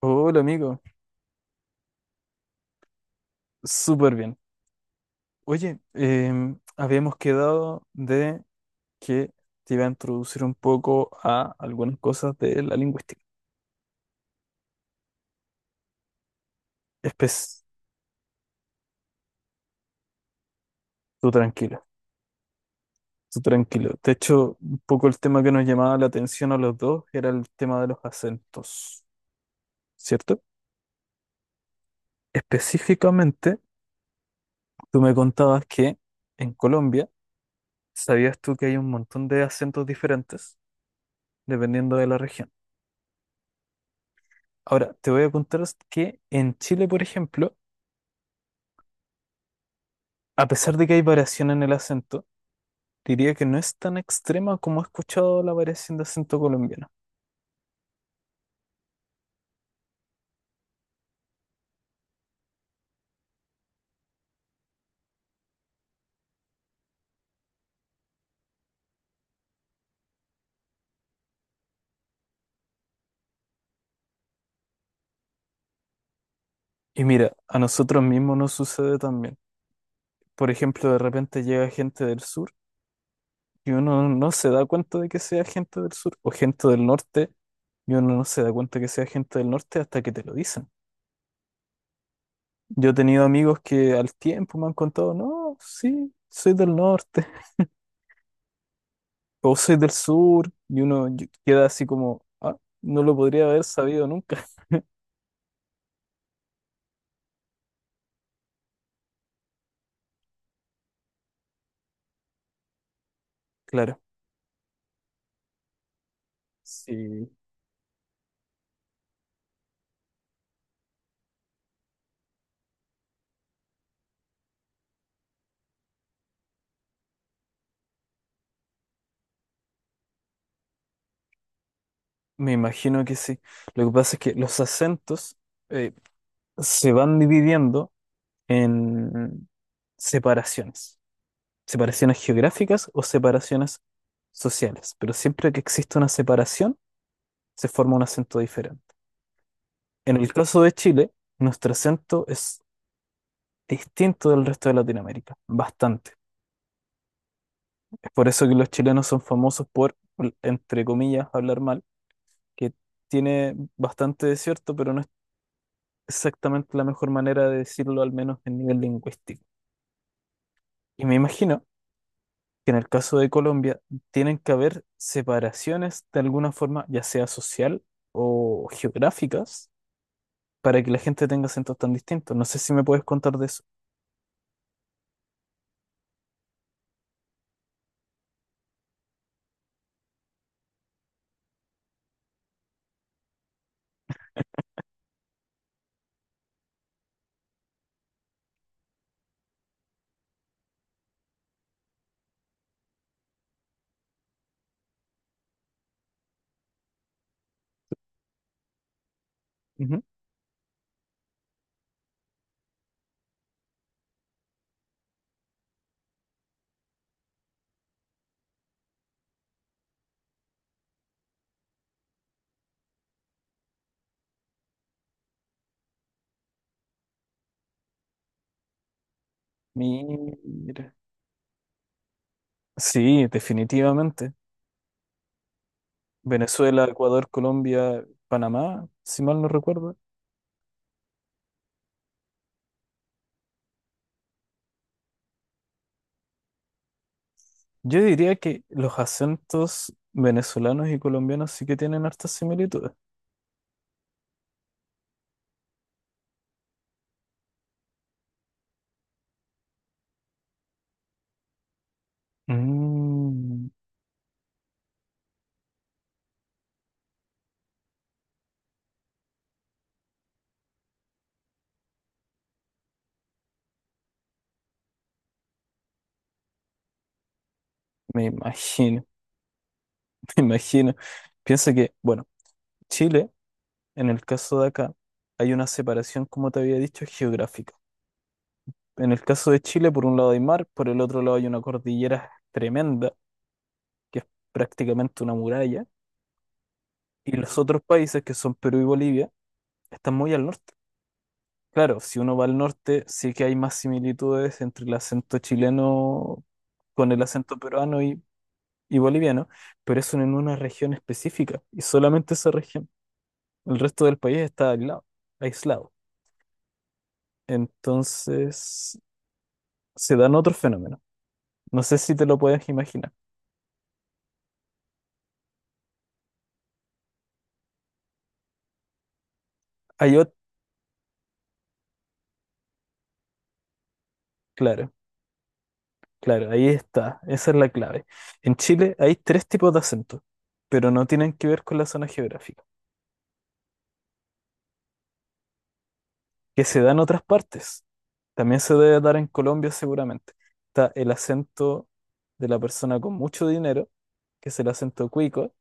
Hola amigo, súper bien. Oye, habíamos quedado de que te iba a introducir un poco a algunas cosas de la lingüística. Estés tú tranquilo, tú tranquilo. De hecho, un poco el tema que nos llamaba la atención a los dos era el tema de los acentos, ¿cierto? Específicamente, tú me contabas que en Colombia, ¿sabías tú que hay un montón de acentos diferentes dependiendo de la región? Ahora, te voy a contar que en Chile, por ejemplo, a pesar de que hay variación en el acento, diría que no es tan extrema como he escuchado la variación de acento colombiano. Y mira, a nosotros mismos nos sucede también. Por ejemplo, de repente llega gente del sur y uno no se da cuenta de que sea gente del sur o gente del norte y uno no se da cuenta que sea gente del norte hasta que te lo dicen. Yo he tenido amigos que al tiempo me han contado, no, sí, soy del norte o soy del sur y queda así como, ah, no lo podría haber sabido nunca. Claro. Sí, me imagino que sí. Lo que pasa es que los acentos eh, se van dividiendo en separaciones, separaciones geográficas o separaciones sociales, pero siempre que existe una separación, se forma un acento diferente. En el caso de Chile, nuestro acento es distinto del resto de Latinoamérica, bastante. Es por eso que los chilenos son famosos por, entre comillas, hablar mal, que tiene bastante de cierto, pero no exactamente la mejor manera de decirlo, al menos en nivel lingüístico. Y me imagino que en el caso de Colombia tienen que haber separaciones de alguna forma, ya sea social o geográficas, para que la gente tenga acentos tan distintos. No sé si me puedes contar de eso. Ujú. Mira. Sí, definitivamente. Venezuela, Ecuador, Colombia, Panamá, si mal no recuerdo. Yo diría que los acentos venezolanos y colombianos sí que tienen hartas similitudes. Mm. Me imagino, me imagino. Piensa que, bueno, Chile, en el caso de acá, hay una separación, como te había dicho, geográfica. En el caso de Chile, por un lado hay mar, por el otro lado hay una cordillera tremenda, que es prácticamente una muralla, y los otros países, que son Perú y Bolivia, están muy al norte. Claro, si uno va al norte, sí que hay más similitudes entre el acento chileno con el acento peruano y boliviano, pero eso en una región específica, y solamente esa región. El resto del país está aislado, aislado. Entonces se dan otros fenómenos. No sé si te lo puedes imaginar. Hay otro, claro, claro, ahí está. Esa es la clave. En Chile hay tres tipos de acentos, pero no tienen que ver con la zona geográfica, que se da en otras partes. También se debe dar en Colombia seguramente. Está el acento de la persona con mucho dinero, que es el acento cuico,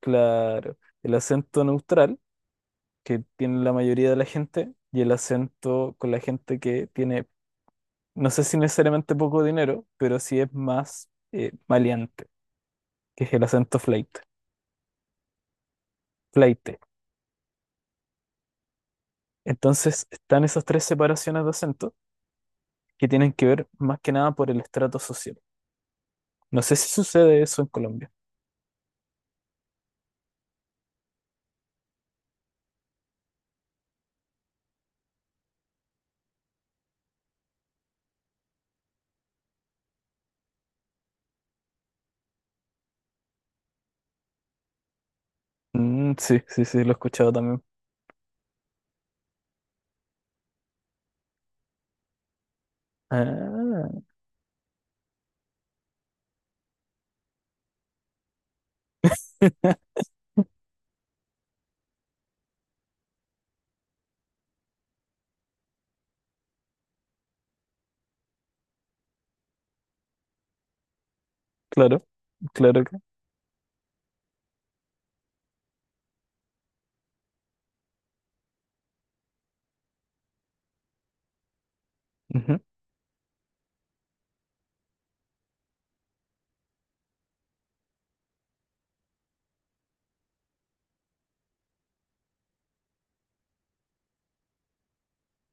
claro, el acento neutral que tiene la mayoría de la gente y el acento con la gente que tiene, no sé si necesariamente poco dinero, pero sí es más maleante, que es el acento flaite, flaite. Entonces están esas tres separaciones de acento que tienen que ver más que nada por el estrato social. No sé si sucede eso en Colombia. Mm, sí, sí, sí, lo he escuchado también. Ah, claro, claro que.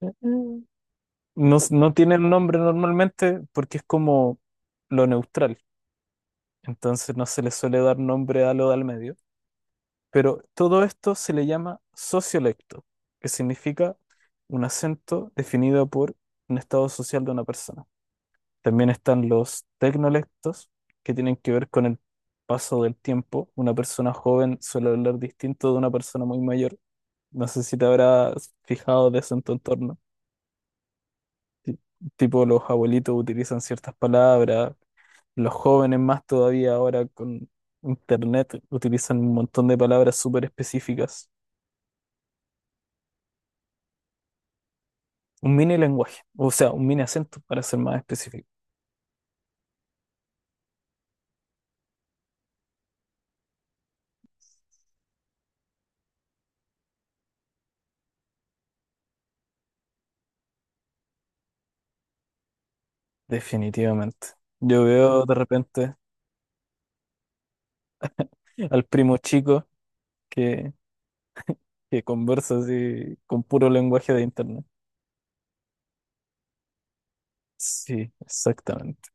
Ujú. No tiene un nombre normalmente porque es como lo neutral. Entonces no se le suele dar nombre a lo de al medio. Pero todo esto se le llama sociolecto, que significa un acento definido por un estado social de una persona. También están los tecnolectos, que tienen que ver con el paso del tiempo. Una persona joven suele hablar distinto de una persona muy mayor. No sé si te habrás fijado de eso en tu entorno. Ti- Tipo, los abuelitos utilizan ciertas palabras. Los jóvenes más todavía ahora con internet utilizan un montón de palabras súper específicas. Un mini lenguaje, o sea, un mini acento para ser más específico. Definitivamente. Yo veo de repente al primo chico que, que conversa así con puro lenguaje de internet. Sí, exactamente.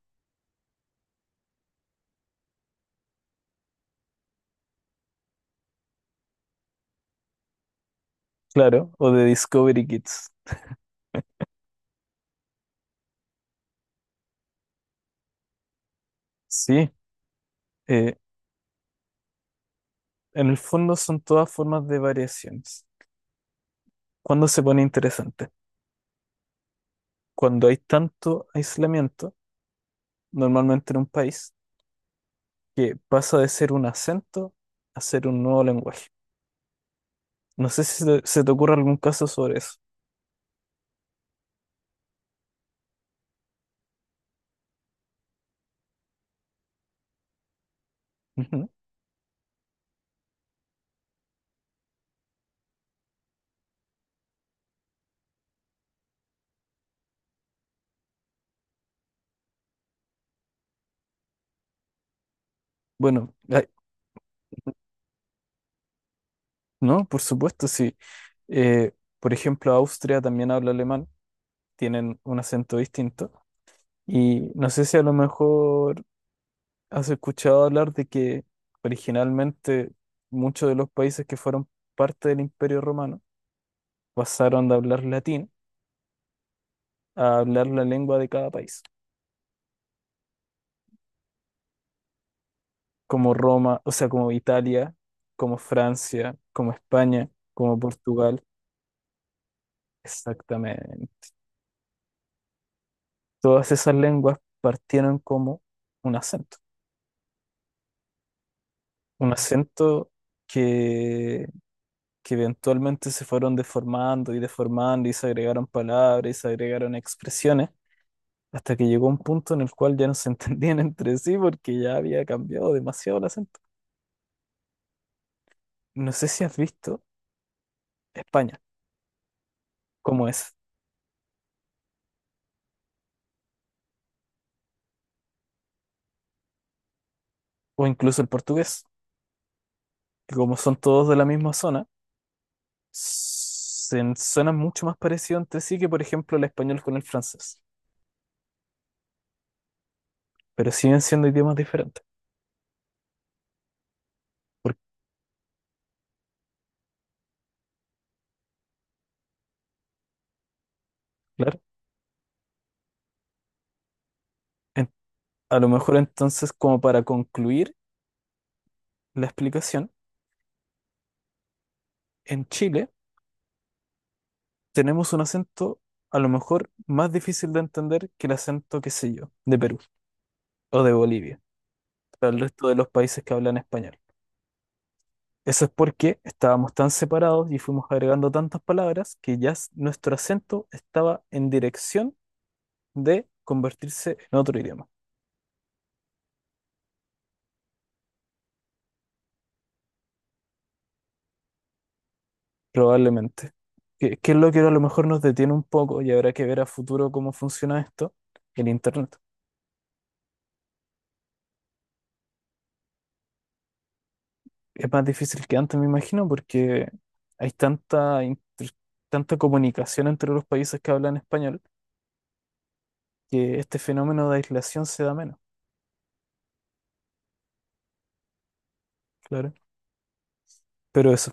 Claro, o de Discovery Kids. Sí, eh, en el fondo son todas formas de variaciones. ¿Cuándo se pone interesante? Cuando hay tanto aislamiento, normalmente en un país, que pasa de ser un acento a ser un nuevo lenguaje. No sé si se te ocurre algún caso sobre eso. Ujú. Bueno, ay, no, por supuesto, sí. Eh, por ejemplo, Austria también habla alemán, tienen un acento distinto. Y no sé si a lo mejor has escuchado hablar de que originalmente muchos de los países que fueron parte del Imperio Romano pasaron de hablar latín a hablar la lengua de cada país. Como Roma, o sea, como Italia, como Francia, como España, como Portugal. Exactamente. Todas esas lenguas partieron como un acento, un acento que, que eventualmente se fueron deformando y deformando y se agregaron palabras y se agregaron expresiones, hasta que llegó un punto en el cual ya no se entendían entre sí porque ya había cambiado demasiado el acento. No sé si has visto España, como es, o incluso el portugués. Que como son todos de la misma zona, se suenan mucho más parecidos entre sí que, por ejemplo, el español con el francés, pero siguen siendo idiomas diferentes. Porque, claro, en- a lo mejor entonces, como para concluir la explicación, en Chile tenemos un acento a lo mejor más difícil de entender que el acento, qué sé yo, de Perú o de Bolivia, para el resto de los países que hablan español. Eso es porque estábamos tan separados y fuimos agregando tantas palabras que nuestro acento estaba en dirección de convertirse en otro idioma, probablemente. ¿ qué es lo que a lo mejor nos detiene un poco y habrá que ver a futuro cómo funciona esto? El Internet. Es más difícil que antes, me imagino, porque hay tanta comunicación entre los países que hablan español que este fenómeno de aislación se da menos, claro. Pero eso,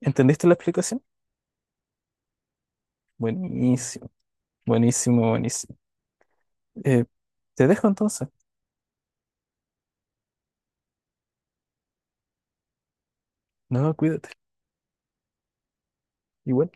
¿entendiste la explicación? Buenísimo, buenísimo, buenísimo. Eh, te dejo entonces. No, cuídate. Igual.